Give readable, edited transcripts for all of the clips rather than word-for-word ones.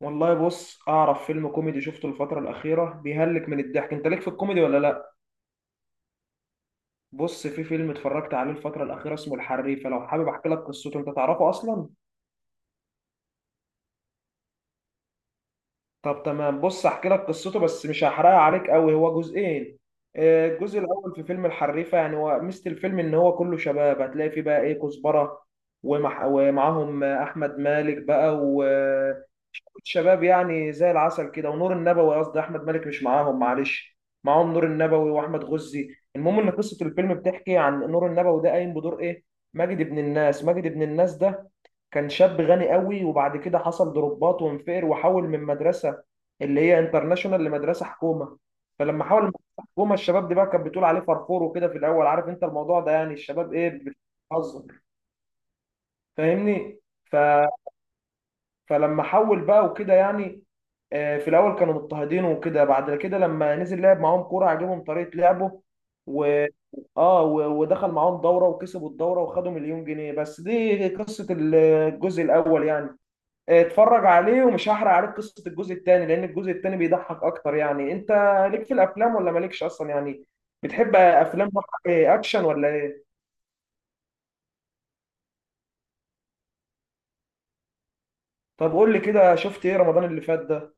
والله بص اعرف فيلم كوميدي شفته الفتره الاخيره بيهلك من الضحك. انت ليك في الكوميدي ولا لا؟ بص، في فيلم اتفرجت عليه الفتره الاخيره اسمه الحريفه، لو حابب احكي لك قصته؟ انت تعرفه اصلا؟ طب تمام، بص احكي لك قصته بس مش هحرقها عليك قوي، هو جزئين. الجزء الاول في فيلم الحريفه، يعني هو ميزه الفيلم ان هو كله شباب، هتلاقي فيه بقى ايه، كزبره ومعاهم احمد مالك بقى. شباب يعني زي العسل كده، ونور النبوي، قصدي احمد مالك مش معاهم، معلش. معاهم نور النبوي واحمد غزي. المهم ان قصه الفيلم بتحكي عن نور النبوي، ده قايم بدور ايه؟ ماجد ابن الناس. ماجد ابن الناس ده كان شاب غني قوي، وبعد كده حصل ضربات وانفقر، وحول من مدرسه اللي هي انترناشونال لمدرسه حكومه. فلما حول من مدرسه حكومه، الشباب دي بقى كانت بتقول عليه فرفور وكده في الاول، عارف انت الموضوع ده، يعني الشباب ايه، بتهزر، فاهمني؟ ف فلما حول بقى وكده، يعني في الاول كانوا مضطهدين وكده، بعد كده لما نزل لعب معاهم كوره، عجبهم طريقه لعبه و ودخل معاهم دوره، وكسبوا الدوره وخدوا 1,000,000 جنيه. بس دي قصه الجزء الاول يعني. اتفرج عليه، ومش هحرق عليك قصه الجزء الثاني لان الجزء الثاني بيضحك اكتر. يعني انت ليك في الافلام ولا مالكش اصلا يعني؟ بتحب افلام بقى، اكشن ولا ايه؟ طب قول لي كده، شفت ايه رمضان اللي فات ده؟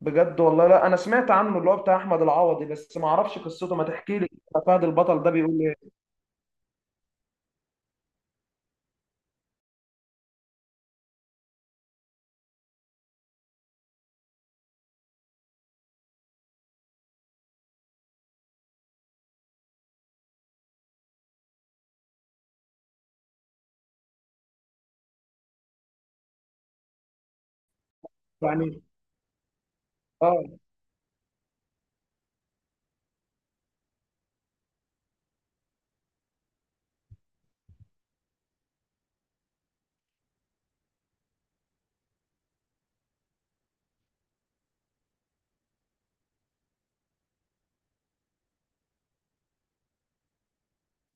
بجد والله لا، انا سمعت عنه، اللي هو بتاع احمد العوضي، بس ما اعرفش قصته، ما تحكي لي كده، فهد البطل ده بيقول ايه؟ يعني اه،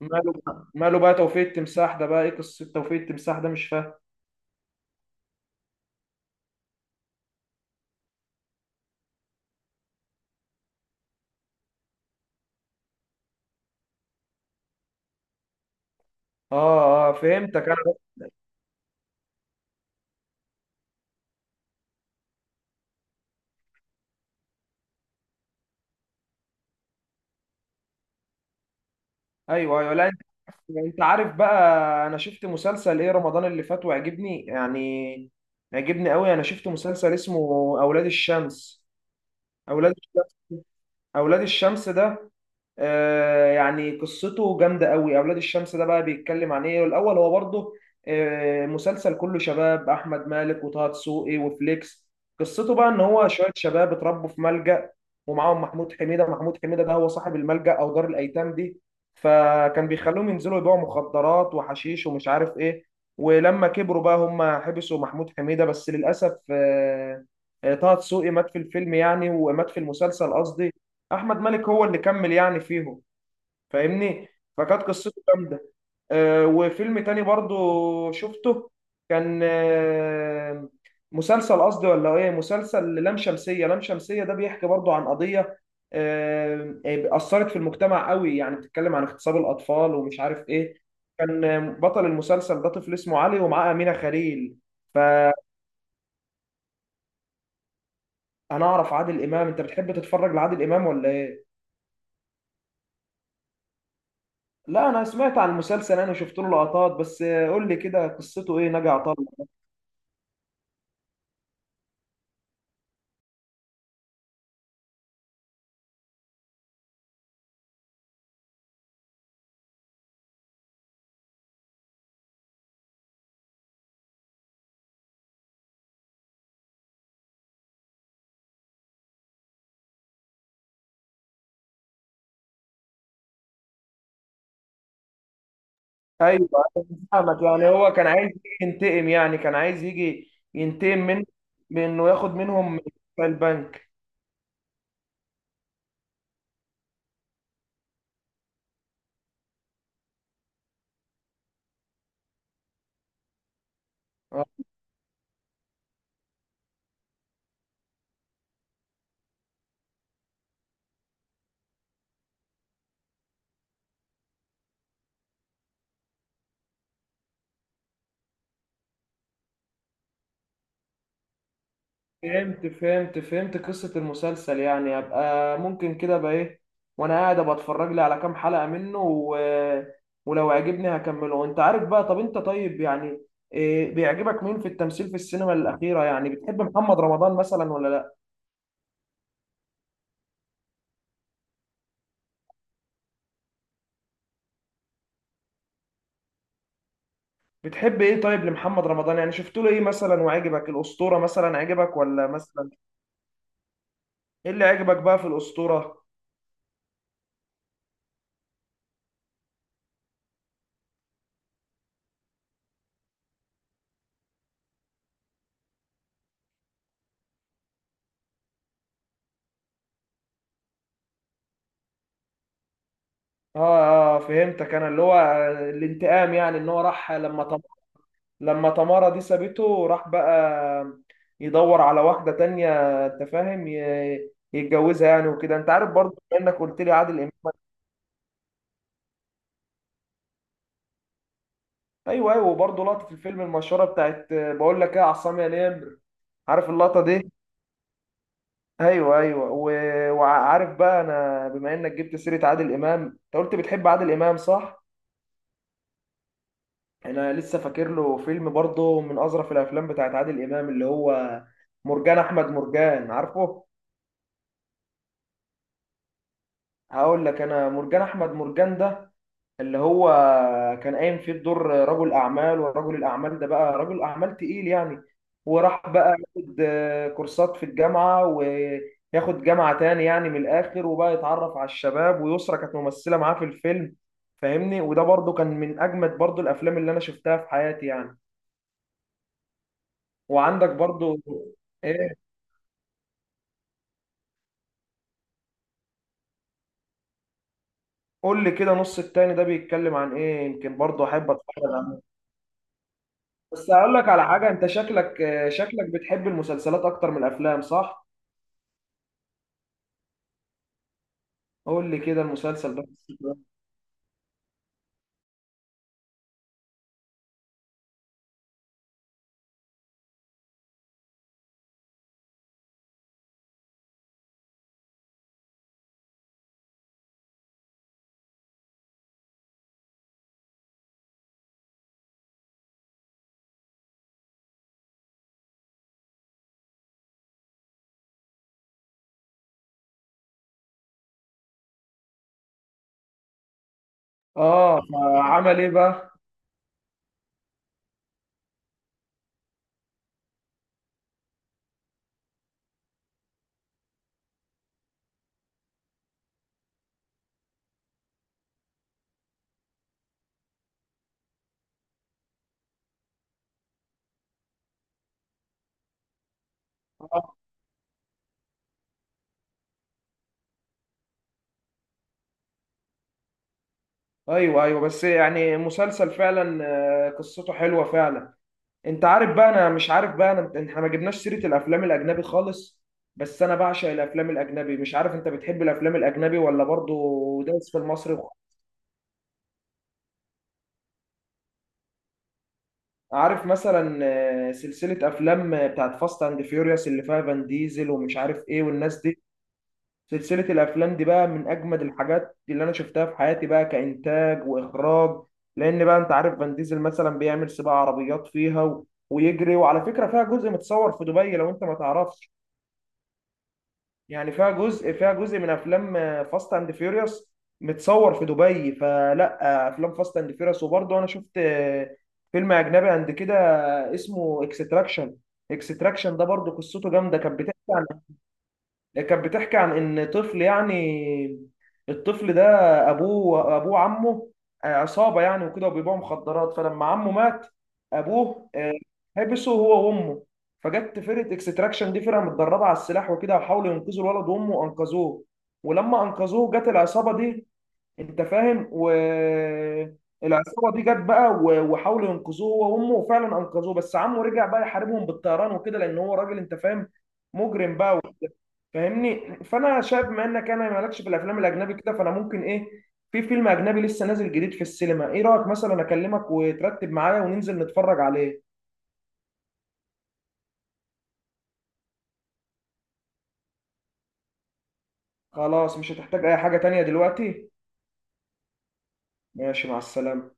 ماله بقى توفيق التمساح ده؟ بقى ايه قصه توفيق التمساح ده؟ مش فاهم. اه اه، فهمتك انا، بس. ايوه ايوه، لا انت، انت عارف بقى، انا شفت مسلسل ايه رمضان اللي فات وعجبني يعني، عجبني قوي. انا شفت مسلسل اسمه اولاد الشمس. اولاد الشمس، اولاد الشمس ده يعني قصته جامدة قوي. أولاد الشمس ده بقى بيتكلم عن إيه الأول؟ هو برضه مسلسل كله شباب، أحمد مالك وطه دسوقي وفليكس. قصته بقى إن هو شوية شباب اتربوا في ملجأ، ومعاهم محمود حميدة. محمود حميدة ده هو صاحب الملجأ أو دار الأيتام دي، فكان بيخلوهم ينزلوا يبيعوا مخدرات وحشيش ومش عارف إيه. ولما كبروا بقى هم حبسوا محمود حميدة، بس للأسف طه دسوقي مات في الفيلم، يعني ومات في المسلسل قصدي. احمد مالك هو اللي كمل يعني فيهم، فاهمني؟ فكانت قصته جامده. وفيلم تاني برضو شفته، كان مسلسل قصدي، ولا ايه؟ مسلسل لام شمسية. لام شمسية ده بيحكي برضو عن قضية أثرت في المجتمع قوي، يعني بتتكلم عن اغتصاب الأطفال ومش عارف ايه. كان بطل المسلسل ده طفل اسمه علي، ومعاه أمينة خليل. فأنا أعرف عادل إمام، أنت بتحب تتفرج لعادل إمام ولا ايه؟ لا انا سمعت عن المسلسل، انا شفت له لقطات، بس قول لي كده قصته ايه نجا عطله؟ ايوه، أنا فاهمك، يعني هو كان عايز يجي ينتقم، يعني كان عايز يجي ينتقم من بانه ياخد منهم في البنك. آه، فهمت فهمت فهمت قصة المسلسل، يعني ابقى ممكن كده بقى ايه، وانا قاعد ابقى اتفرج لي على كام حلقة منه ولو عجبني هكمله. وانت عارف بقى، طب انت طيب يعني، إيه بيعجبك مين في التمثيل في السينما الأخيرة؟ يعني بتحب محمد رمضان مثلا ولا لا؟ بتحب ايه طيب لمحمد رمضان، يعني شفت له ايه مثلا وعجبك؟ الاسطوره مثلا عجبك ولا مثلا؟ ايه اللي عجبك بقى في الاسطوره؟ اه اه فهمتك انا، اللي هو الانتقام، يعني ان هو راح لما لما تمارا دي سابته راح بقى يدور على واحده تانية، انت فاهم؟ يتجوزها يعني وكده. انت عارف برضه بما انك قلت لي عادل امام، ايوه ايوه، وبرضه لقطه الفيلم المشهوره بتاعت بقول لك ايه، يا عصام يا نمر، عارف اللقطه دي؟ ايوه ايوه. وعارف بقى، انا بما انك جبت سيره عادل امام، انت قلت بتحب عادل امام، صح؟ انا لسه فاكر له فيلم برضه من اظرف الافلام بتاعت عادل امام، اللي هو مرجان احمد مرجان، عارفه؟ هقول لك انا، مرجان احمد مرجان ده اللي هو كان قايم فيه بدور رجل اعمال، ورجل الاعمال ده بقى رجل اعمال تقيل يعني، وراح بقى ياخد كورسات في الجامعه، وياخد جامعه تاني يعني من الاخر، وبقى يتعرف على الشباب، ويسرا كانت ممثله معاه في الفيلم، فاهمني؟ وده برضو كان من اجمد برضو الافلام اللي انا شفتها في حياتي يعني. وعندك برضو ايه، قول لي كده نص التاني ده بيتكلم عن ايه، يمكن برضو احب اتفرج عليه. بس هقول لك على حاجه، انت شكلك شكلك بتحب المسلسلات اكتر من الافلام، صح؟ قول لي كده المسلسل ده. اه فعمل ايه بقى؟ آه. ايوه ايوه، بس يعني مسلسل فعلا قصته حلوه فعلا. انت عارف بقى، انا مش عارف بقى، انا احنا ما جبناش سيره الافلام الاجنبي خالص، بس انا بعشق الافلام الاجنبي. مش عارف انت بتحب الافلام الاجنبي ولا برضو دايس في المصري؟ عارف مثلا سلسله افلام بتاعت فاست اند فيوريوس، اللي فيها فان ديزل ومش عارف ايه والناس دي؟ سلسلة الأفلام دي بقى من أجمد الحاجات اللي أنا شفتها في حياتي، بقى كإنتاج وإخراج، لأن بقى أنت عارف فان ديزل مثلا بيعمل سباق عربيات فيها ويجري، وعلى فكرة فيها جزء متصور في دبي لو أنت ما تعرفش. يعني فيها جزء، فيها جزء من أفلام فاست أند فيوريوس متصور في دبي. فلا أفلام فاست أند فيوريوس. وبرضه أنا شفت فيلم أجنبي عند كده اسمه اكستراكشن. اكستراكشن ده برضه قصته جامدة، كانت بتحكي، كانت بتحكي عن ان طفل يعني. الطفل ده ابوه عمه عصابه يعني وكده، وبيبيعوا مخدرات. فلما عمه مات، ابوه حبسه هو وامه. فجت فرقه اكستراكشن دي، فرقه متدربه على السلاح وكده، وحاولوا ينقذوا الولد وامه، وانقذوه. ولما انقذوه جت العصابه دي، انت فاهم؟ والعصابه دي جت بقى وحاولوا ينقذوه هو وامه، وفعلا انقذوه، بس عمه رجع بقى يحاربهم بالطيران وكده، لان هو راجل انت فاهم، مجرم بقى، فاهمني؟ فانا شايف بما انك انا مالكش في الافلام الاجنبي كده، فانا ممكن ايه، في فيلم اجنبي لسه نازل جديد في السينما، ايه رايك مثلا اكلمك وترتب معايا وننزل نتفرج عليه؟ خلاص مش هتحتاج اي حاجه تانية دلوقتي. ماشي، مع السلامه.